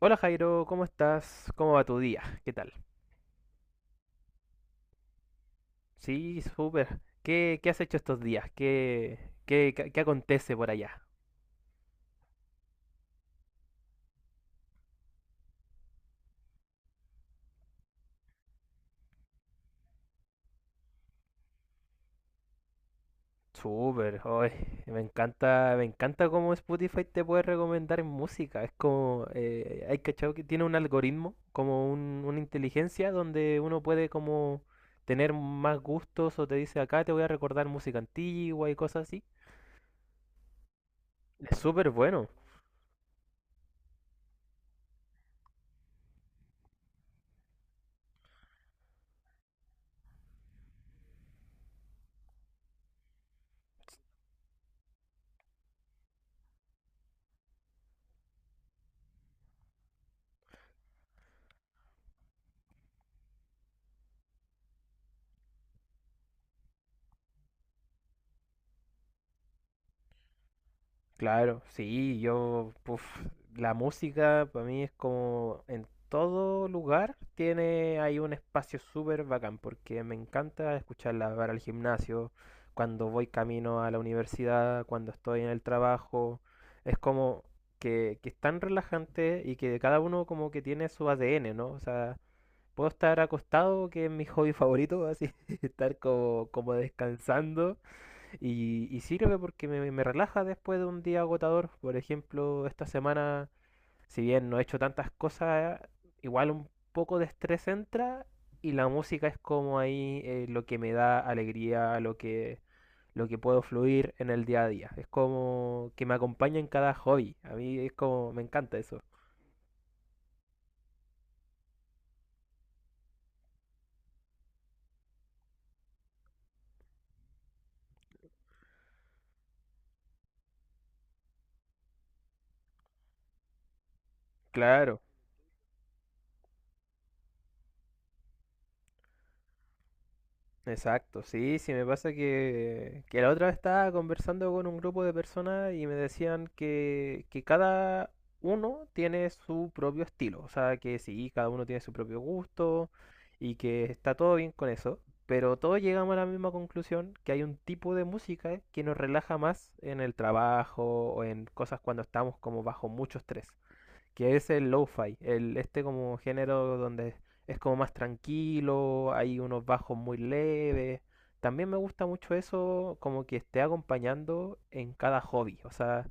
Hola Jairo, ¿cómo estás? ¿Cómo va tu día? ¿Qué tal? Sí, súper. ¿Qué has hecho estos días? ¿Qué acontece por allá? Súper, hoy me encanta cómo Spotify te puede recomendar música. Es como, hay cachado que tiene un algoritmo, como una inteligencia donde uno puede como tener más gustos o te dice acá te voy a recordar música antigua y cosas así. Es súper bueno. Claro, sí, yo, puf, la música para mí es como en todo lugar tiene ahí un espacio súper bacán porque me encanta escucharla para el gimnasio, cuando voy camino a la universidad, cuando estoy en el trabajo, es como que es tan relajante y que cada uno como que tiene su ADN, ¿no? O sea, puedo estar acostado, que es mi hobby favorito, así, estar como, como descansando y sirve porque me relaja después de un día agotador. Por ejemplo, esta semana, si bien no he hecho tantas cosas, igual un poco de estrés entra y la música es como ahí lo que me da alegría, lo que puedo fluir en el día a día. Es como que me acompaña en cada hobby. A mí es como, me encanta eso. Claro. Exacto, sí, sí, me pasa que la otra vez estaba conversando con un grupo de personas y me decían que cada uno tiene su propio estilo, o sea, que sí, cada uno tiene su propio gusto y que está todo bien con eso, pero todos llegamos a la misma conclusión, que hay un tipo de música que nos relaja más en el trabajo o en cosas cuando estamos como bajo mucho estrés que es el lo-fi, el, este como género donde es como más tranquilo, hay unos bajos muy leves. También me gusta mucho eso, como que esté acompañando en cada hobby. O sea,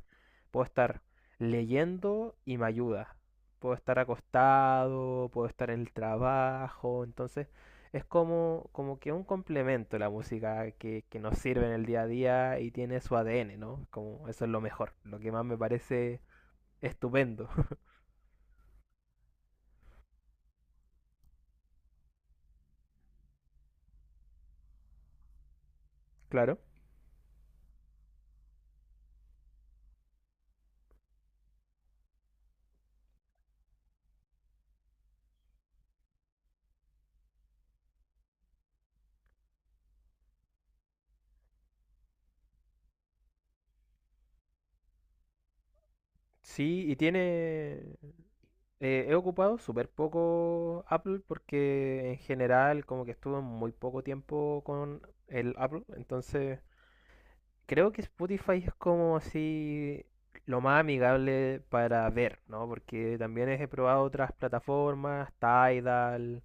puedo estar leyendo y me ayuda. Puedo estar acostado, puedo estar en el trabajo. Entonces, es como, como que un complemento la música que nos sirve en el día a día y tiene su ADN, ¿no? Como eso es lo mejor, lo que más me parece estupendo, claro. Sí, y tiene... he ocupado súper poco Apple porque en general como que estuve muy poco tiempo con el Apple. Entonces creo que Spotify es como así lo más amigable para ver, ¿no? Porque también he probado otras plataformas, Tidal,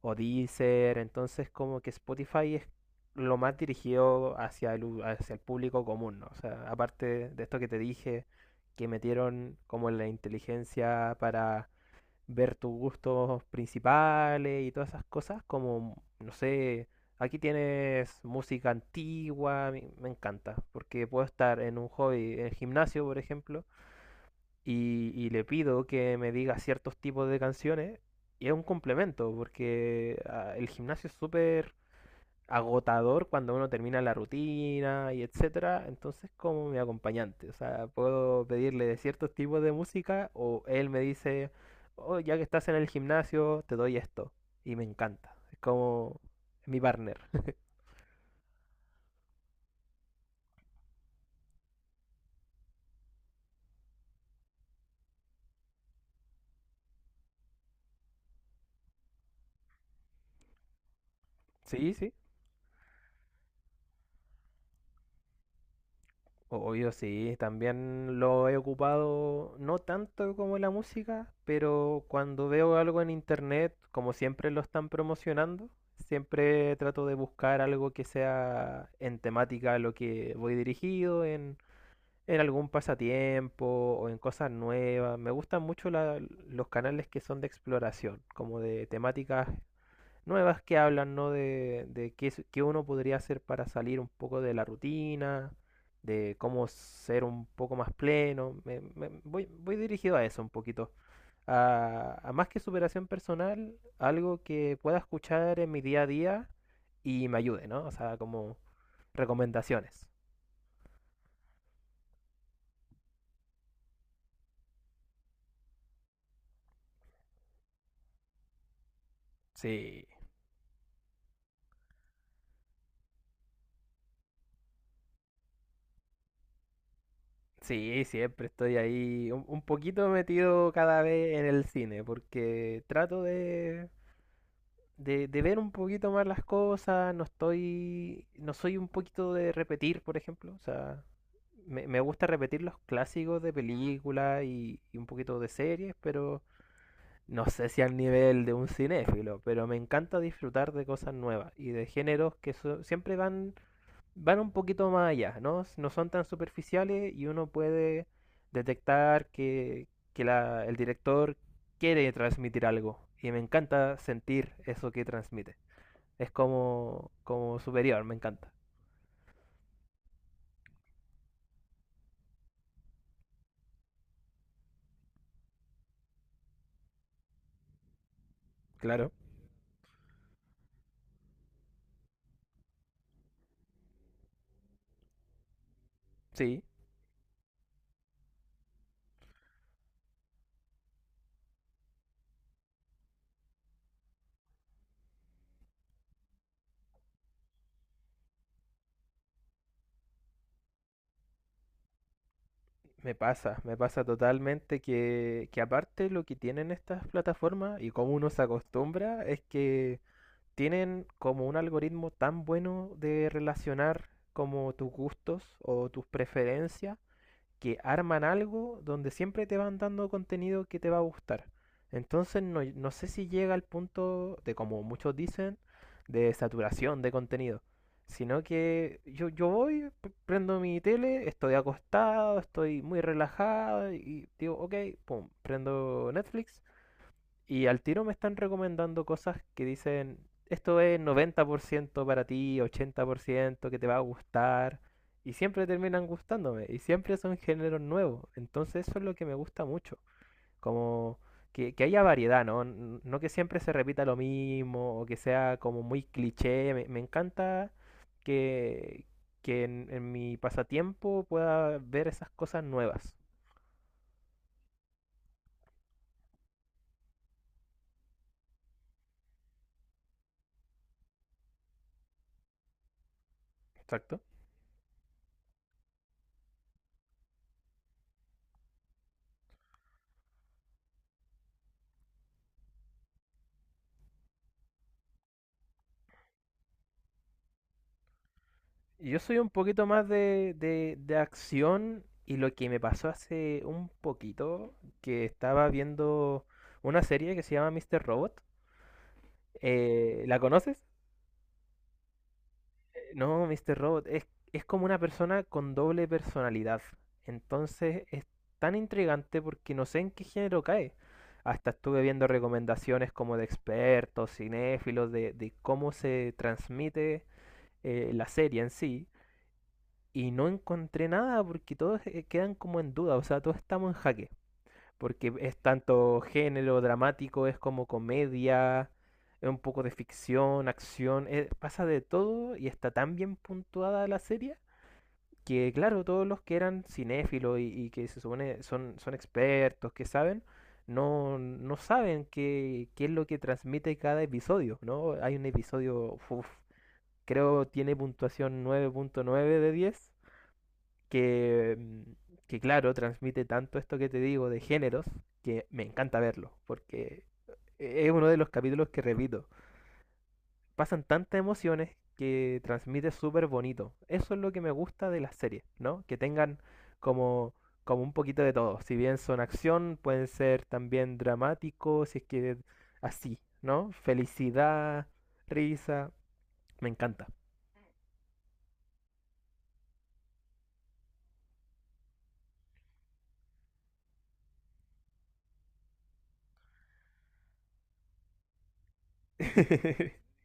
o Deezer, entonces como que Spotify es lo más dirigido hacia hacia el público común, ¿no? O sea, aparte de esto que te dije, que metieron como la inteligencia para ver tus gustos principales y todas esas cosas, como, no sé, aquí tienes música antigua, a mí me encanta, porque puedo estar en un hobby, en el gimnasio, por ejemplo, y le pido que me diga ciertos tipos de canciones y es un complemento porque ah, el gimnasio es súper agotador cuando uno termina la rutina y etcétera, entonces como mi acompañante, o sea, puedo pedirle de ciertos tipos de música o él me dice, oh, ya que estás en el gimnasio, te doy esto y me encanta, es como mi partner. Sí, sí. Obvio, sí, también lo he ocupado, no tanto como la música, pero cuando veo algo en internet, como siempre lo están promocionando, siempre trato de buscar algo que sea en temática a lo que voy dirigido, en algún pasatiempo o en cosas nuevas. Me gustan mucho los canales que son de exploración, como de temáticas nuevas que hablan, ¿no? De qué, qué uno podría hacer para salir un poco de la rutina, de cómo ser un poco más pleno. Voy, voy dirigido a eso un poquito. A más que superación personal, algo que pueda escuchar en mi día a día y me ayude, ¿no? O sea, como recomendaciones. Sí, sí, siempre estoy ahí un poquito metido cada vez en el cine, porque trato de ver un poquito más las cosas, no estoy, no soy un poquito de repetir, por ejemplo, o sea, me gusta repetir los clásicos de películas y un poquito de series, pero no sé si al nivel de un cinéfilo, pero me encanta disfrutar de cosas nuevas y de géneros que siempre van, van un poquito más allá, ¿no? No son tan superficiales y uno puede detectar que el director quiere transmitir algo y me encanta sentir eso que transmite es como, como superior, me encanta. Claro. Sí, me pasa totalmente que aparte lo que tienen estas plataformas y cómo uno se acostumbra es que tienen como un algoritmo tan bueno de relacionar como tus gustos o tus preferencias que arman algo donde siempre te van dando contenido que te va a gustar. Entonces no, no sé si llega al punto de, como muchos dicen, de saturación de contenido. Sino que yo voy, prendo mi tele, estoy acostado, estoy muy relajado y digo, ok, pum, prendo Netflix y al tiro me están recomendando cosas que dicen, esto es 90% para ti, 80% que te va a gustar. Y siempre terminan gustándome. Y siempre son géneros nuevos. Entonces eso es lo que me gusta mucho. Como que haya variedad, ¿no? No que siempre se repita lo mismo o que sea como muy cliché. Me encanta que, que en mi pasatiempo pueda ver esas cosas nuevas. Exacto. Yo soy un poquito más de acción y lo que me pasó hace un poquito, que estaba viendo una serie que se llama Mr. Robot. ¿La conoces? No, Mr. Robot es como una persona con doble personalidad. Entonces es tan intrigante porque no sé en qué género cae. Hasta estuve viendo recomendaciones como de expertos, cinéfilos, de cómo se transmite la serie en sí. Y no encontré nada porque todos quedan como en duda, o sea, todos estamos en jaque, porque es tanto género dramático, es como comedia, es un poco de ficción, acción, pasa de todo y está tan bien puntuada la serie que, claro, todos los que eran cinéfilos y que se supone son, son expertos, que saben, no, no saben qué, qué es lo que transmite cada episodio, ¿no? Hay un episodio, uf, creo tiene puntuación 9.9 de 10 que, que claro, transmite tanto esto que te digo de géneros que me encanta verlo, porque es uno de los capítulos que repito. Pasan tantas emociones que transmite súper bonito. Eso es lo que me gusta de las series, ¿no? Que tengan como, como un poquito de todo. Si bien son acción, pueden ser también dramáticos, si es que así, ¿no? Felicidad, risa, me encanta.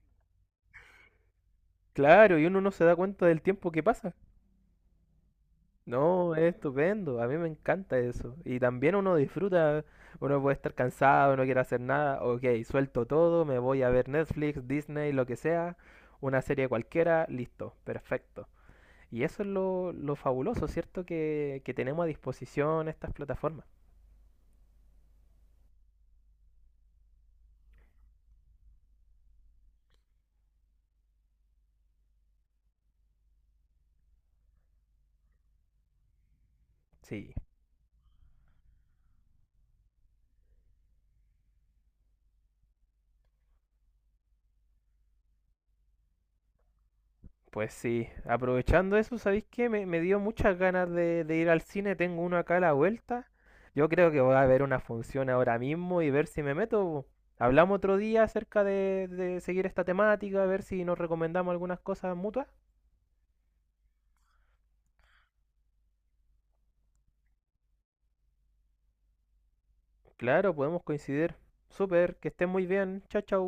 Claro, y uno no se da cuenta del tiempo que pasa. No, es estupendo, a mí me encanta eso. Y también uno disfruta, uno puede estar cansado, no quiere hacer nada, ok, suelto todo, me voy a ver Netflix, Disney, lo que sea, una serie cualquiera, listo, perfecto. Y eso es lo fabuloso, ¿cierto? Que tenemos a disposición estas plataformas. Sí. Pues sí, aprovechando eso, ¿sabéis qué? Me dio muchas ganas de ir al cine, tengo uno acá a la vuelta. Yo creo que voy a ver una función ahora mismo y ver si me meto. Po. Hablamos otro día acerca de seguir esta temática, a ver si nos recomendamos algunas cosas mutuas. Claro, podemos coincidir. Súper, que estén muy bien. Chao, chao.